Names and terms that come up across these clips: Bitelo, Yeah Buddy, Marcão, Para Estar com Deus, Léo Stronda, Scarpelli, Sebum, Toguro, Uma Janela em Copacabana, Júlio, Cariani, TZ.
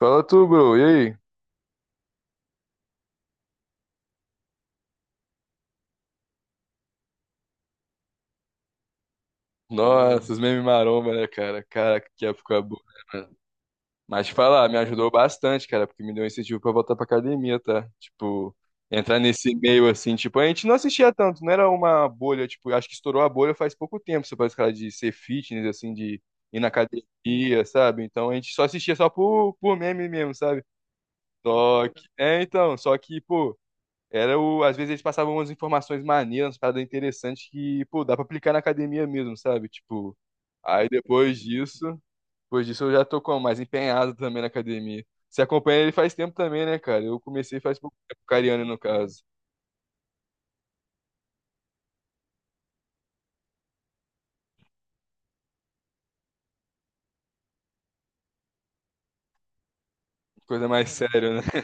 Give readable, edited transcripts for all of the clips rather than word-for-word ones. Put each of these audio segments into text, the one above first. Fala tu, bro. E aí? Nossa, os memes maromba, né, cara? Caraca, que época boa, né, mano? Mas te falar, me ajudou bastante, cara, porque me deu um incentivo pra voltar pra academia, tá? Tipo, entrar nesse meio assim, tipo, a gente não assistia tanto, não era uma bolha, tipo, acho que estourou a bolha faz pouco tempo, você parece cara de ser fitness, assim, de ir na academia, sabe? Então a gente só assistia só por meme mesmo, sabe? Só que, é, então, só que, pô. Às vezes eles passavam umas informações maneiras, umas paradas interessantes que, pô, dá pra aplicar na academia mesmo, sabe? Tipo, aí depois disso eu já tô como mais empenhado também na academia. Você acompanha ele faz tempo também, né, cara? Eu comecei faz pouco tempo, com o Cariani no caso. Coisa mais séria, né?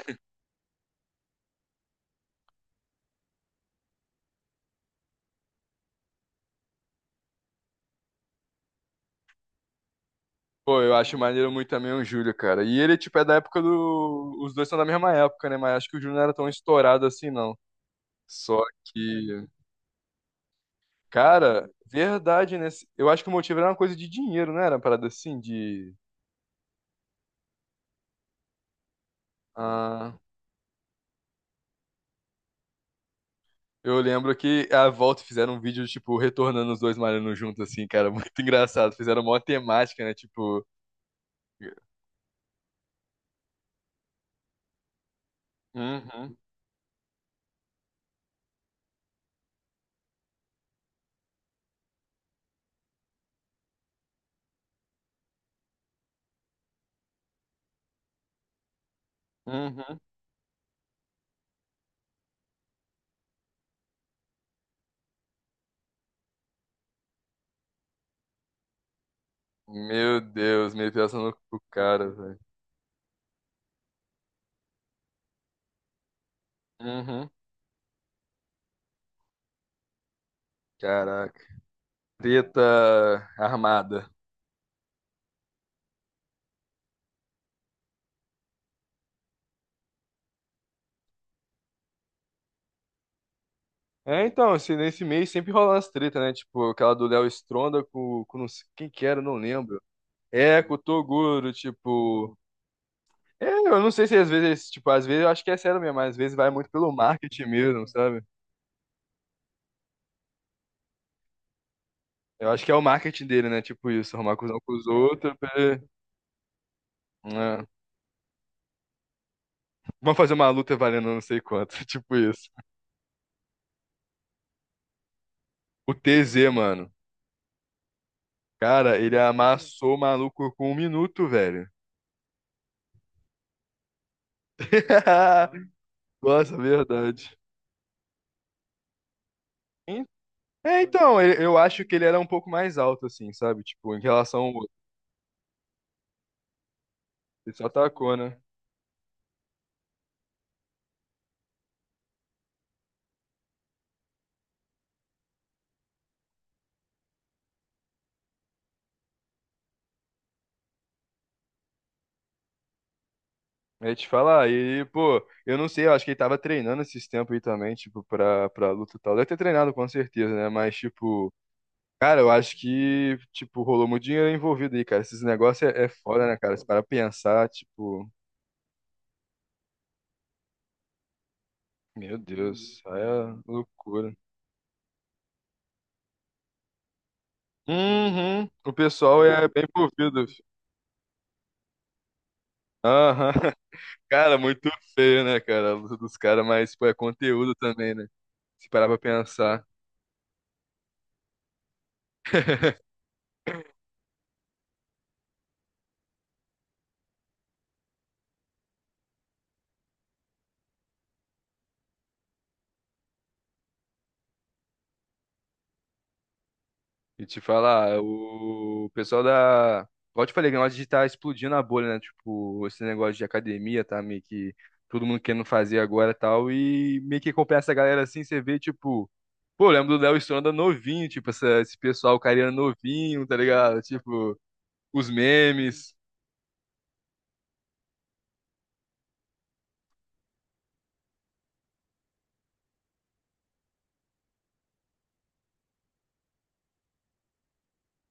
Pô, eu acho maneiro muito também o Júlio, cara. E ele, tipo, é da época do. Os dois são da mesma época, né? Mas acho que o Júlio não era tão estourado assim, não. Só que. Cara, verdade, né? Eu acho que o motivo era uma coisa de dinheiro, não era uma parada assim, de. Ah, eu lembro que a volta fizeram um vídeo, tipo, retornando os dois malhando juntos, assim, cara, muito engraçado. Fizeram uma temática, né? Tipo. Uhum, uhum. Meu Deus, meditação no cu, cara, velho. Uhum. Caraca. Treta armada. É, então, assim, nesse mês sempre rola as treta né? Tipo, aquela do Léo Stronda com não sei quem que era, não lembro. É, com o Toguro, tipo. É, eu não sei se às vezes, tipo, às vezes eu acho que é sério mesmo, mas às vezes vai muito pelo marketing mesmo, sabe? Eu acho que é o marketing dele, né? Tipo isso, arrumar cuzão com os outros. Né? Vamos fazer uma luta valendo não sei quanto. Tipo isso. O TZ, mano. Cara, ele amassou o maluco com um minuto, velho. Nossa, verdade. En- É, então, eu acho que ele era um pouco mais alto, assim, sabe? Tipo, em relação ao outro. Ele só tacou, né? É te falar, e, pô, eu não sei, eu acho que ele tava treinando esses tempos aí também, tipo, pra luta e tal. Deve ter treinado com certeza, né? Mas, tipo. Cara, eu acho que, tipo, rolou muito dinheiro envolvido aí, cara. Esses negócios é, é foda, né, cara? Se para pensar, tipo, meu Deus, aí é loucura. Uhum, o pessoal é bem envolvido. Fi. Aham. Cara, muito feio, né, cara? A luta dos caras, mas, pô, é conteúdo também, né? Se parar pra pensar. E te falar, o pessoal da. Igual eu te falei, o negócio de tá explodindo a bolha, né? Tipo, esse negócio de academia, tá meio que todo mundo querendo fazer agora e tal. E meio que acompanha essa galera assim, você vê, tipo, pô, eu lembro do Léo Stronda novinho, tipo, esse pessoal, o cara era novinho, tá ligado? Tipo, os memes.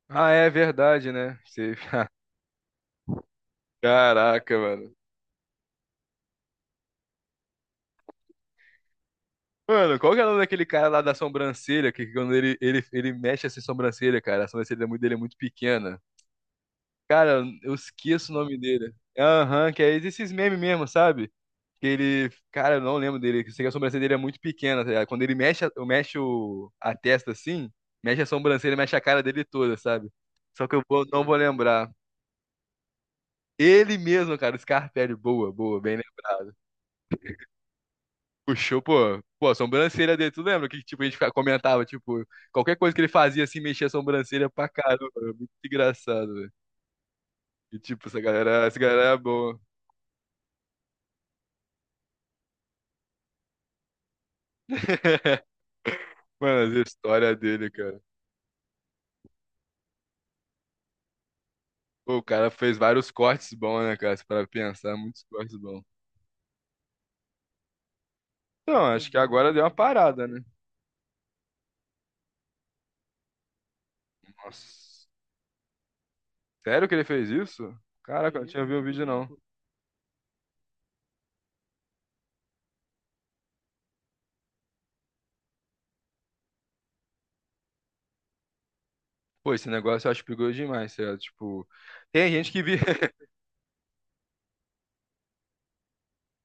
Ah, é verdade, né? Caraca, mano. Mano, qual que é o nome daquele cara lá da sobrancelha? Que quando ele mexe essa sobrancelha, cara, a sobrancelha dele é muito pequena. Cara, eu esqueço o nome dele. Aham, que é esses memes mesmo, sabe? Que ele. Cara, eu não lembro dele. Que eu sei que a sobrancelha dele é muito pequena, tá ligado? Quando ele mexe, a testa assim, mexe a sobrancelha, mexe a cara dele toda, sabe? Só que eu não vou lembrar. Ele mesmo, cara, o Scarpelli, boa, boa, bem lembrado. Puxou, pô. Pô, a sobrancelha dele, tu lembra que tipo, a gente comentava, tipo, qualquer coisa que ele fazia assim, mexia a sobrancelha pra caramba. Era muito engraçado, velho. E tipo, essa galera é boa. Mano, as histórias dele, cara. Pô, o cara fez vários cortes bons, né, cara? Se parar pra pensar, muitos cortes bons. Então, acho que uhum, agora deu uma parada, né? Nossa. Sério que ele fez isso? Caraca, eu não tinha visto o vídeo, não. Pô, esse negócio eu acho perigoso demais, sério. Tipo, tem gente que vi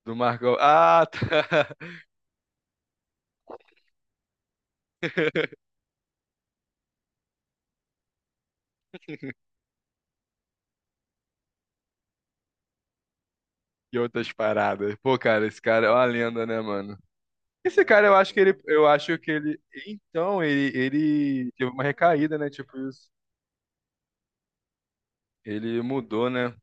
do Marcão. Ah, tá. E outras paradas. Pô, cara, esse cara é uma lenda, né, mano? Esse cara, acho que ele, então, ele teve uma recaída, né? Tipo isso. Ele mudou, né?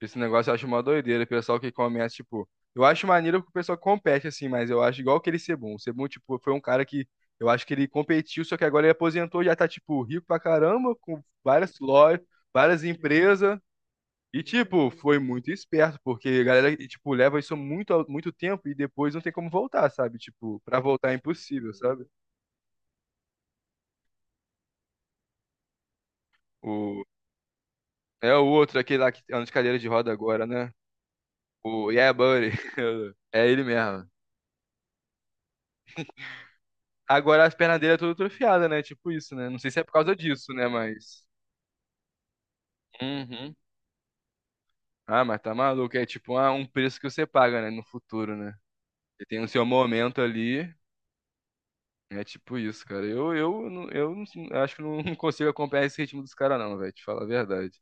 Esse negócio eu acho uma doideira. O pessoal que começa, tipo. Eu acho maneiro porque o pessoal compete, assim, mas eu acho igual aquele Sebum. O Sebum, tipo, foi um cara que. Eu acho que ele competiu, só que agora ele aposentou e já tá, tipo, rico pra caramba, com várias lojas, várias empresas. E, tipo, foi muito esperto, porque a galera, e, tipo, leva isso muito, muito tempo e depois não tem como voltar, sabe? Tipo, pra voltar é impossível, sabe? O... É o outro, aquele lá que anda de cadeira de roda agora, né? O Yeah Buddy. É ele mesmo. Agora as pernas dele é tudo atrofiada, né? Tipo isso, né? Não sei se é por causa disso, né? Mas. Uhum. Ah, mas tá maluco. É tipo ah, um preço que você paga, né? No futuro, né? Você tem o seu momento ali. É tipo isso, cara. Eu acho que não consigo acompanhar esse ritmo dos caras, não, velho. Te falar a verdade.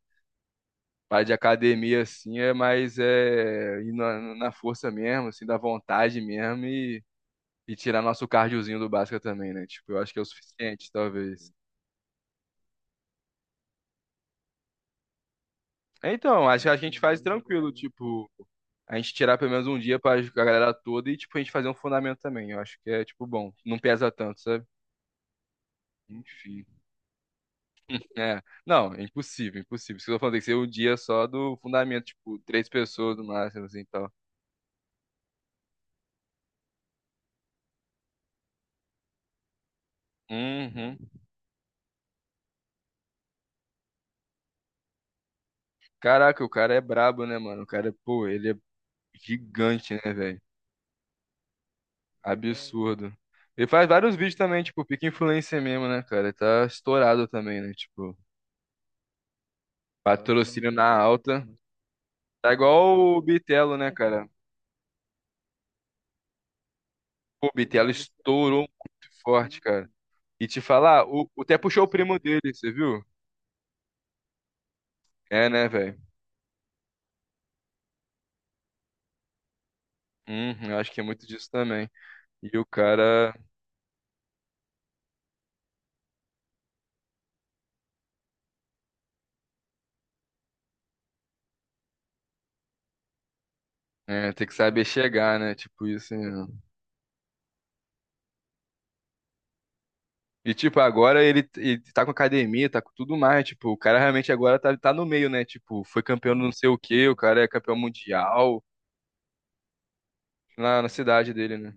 Parte de academia, assim, é mais é, ir na força mesmo, assim, da vontade mesmo e tirar nosso cardiozinho do Basca também, né? Tipo, eu acho que é o suficiente, talvez. É, então, acho que a gente faz tranquilo, tipo, a gente tirar pelo menos um dia pra a galera toda e, tipo, a gente fazer um fundamento também. Eu acho que é, tipo, bom, não pesa tanto, sabe? Enfim. É, não, é impossível, impossível. Isso que eu tô falando, tem que ser um dia só do fundamento, tipo, três pessoas no máximo, assim, e tal. Uhum. Caraca, o cara é brabo, né, mano? O cara, pô, ele é gigante, né, velho? Absurdo. Ele faz vários vídeos também, tipo, pica influencer mesmo, né, cara? Ele tá estourado também, né? Tipo, patrocínio na alta. Tá igual o Bitelo, né, cara? Pô, o Bitelo estourou muito forte, cara. E te falar, até puxou o primo dele, você viu? É, né, velho? Uhum, eu acho que é muito disso também. E o cara é, tem que saber chegar, né? Tipo isso. Né? E tipo, agora ele tá com academia, tá com tudo mais. Tipo, o cara realmente agora tá no meio, né? Tipo, foi campeão do não sei o quê, o cara é campeão mundial lá na cidade dele, né?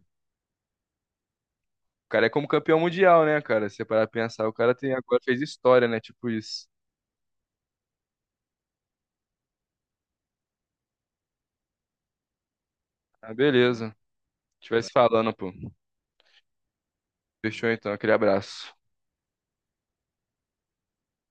O cara é como campeão mundial, né, cara? Se você parar pra pensar, o cara tem agora fez história, né? Tipo isso. Ah, beleza. Tivesse falando, pô. Fechou então, aquele abraço.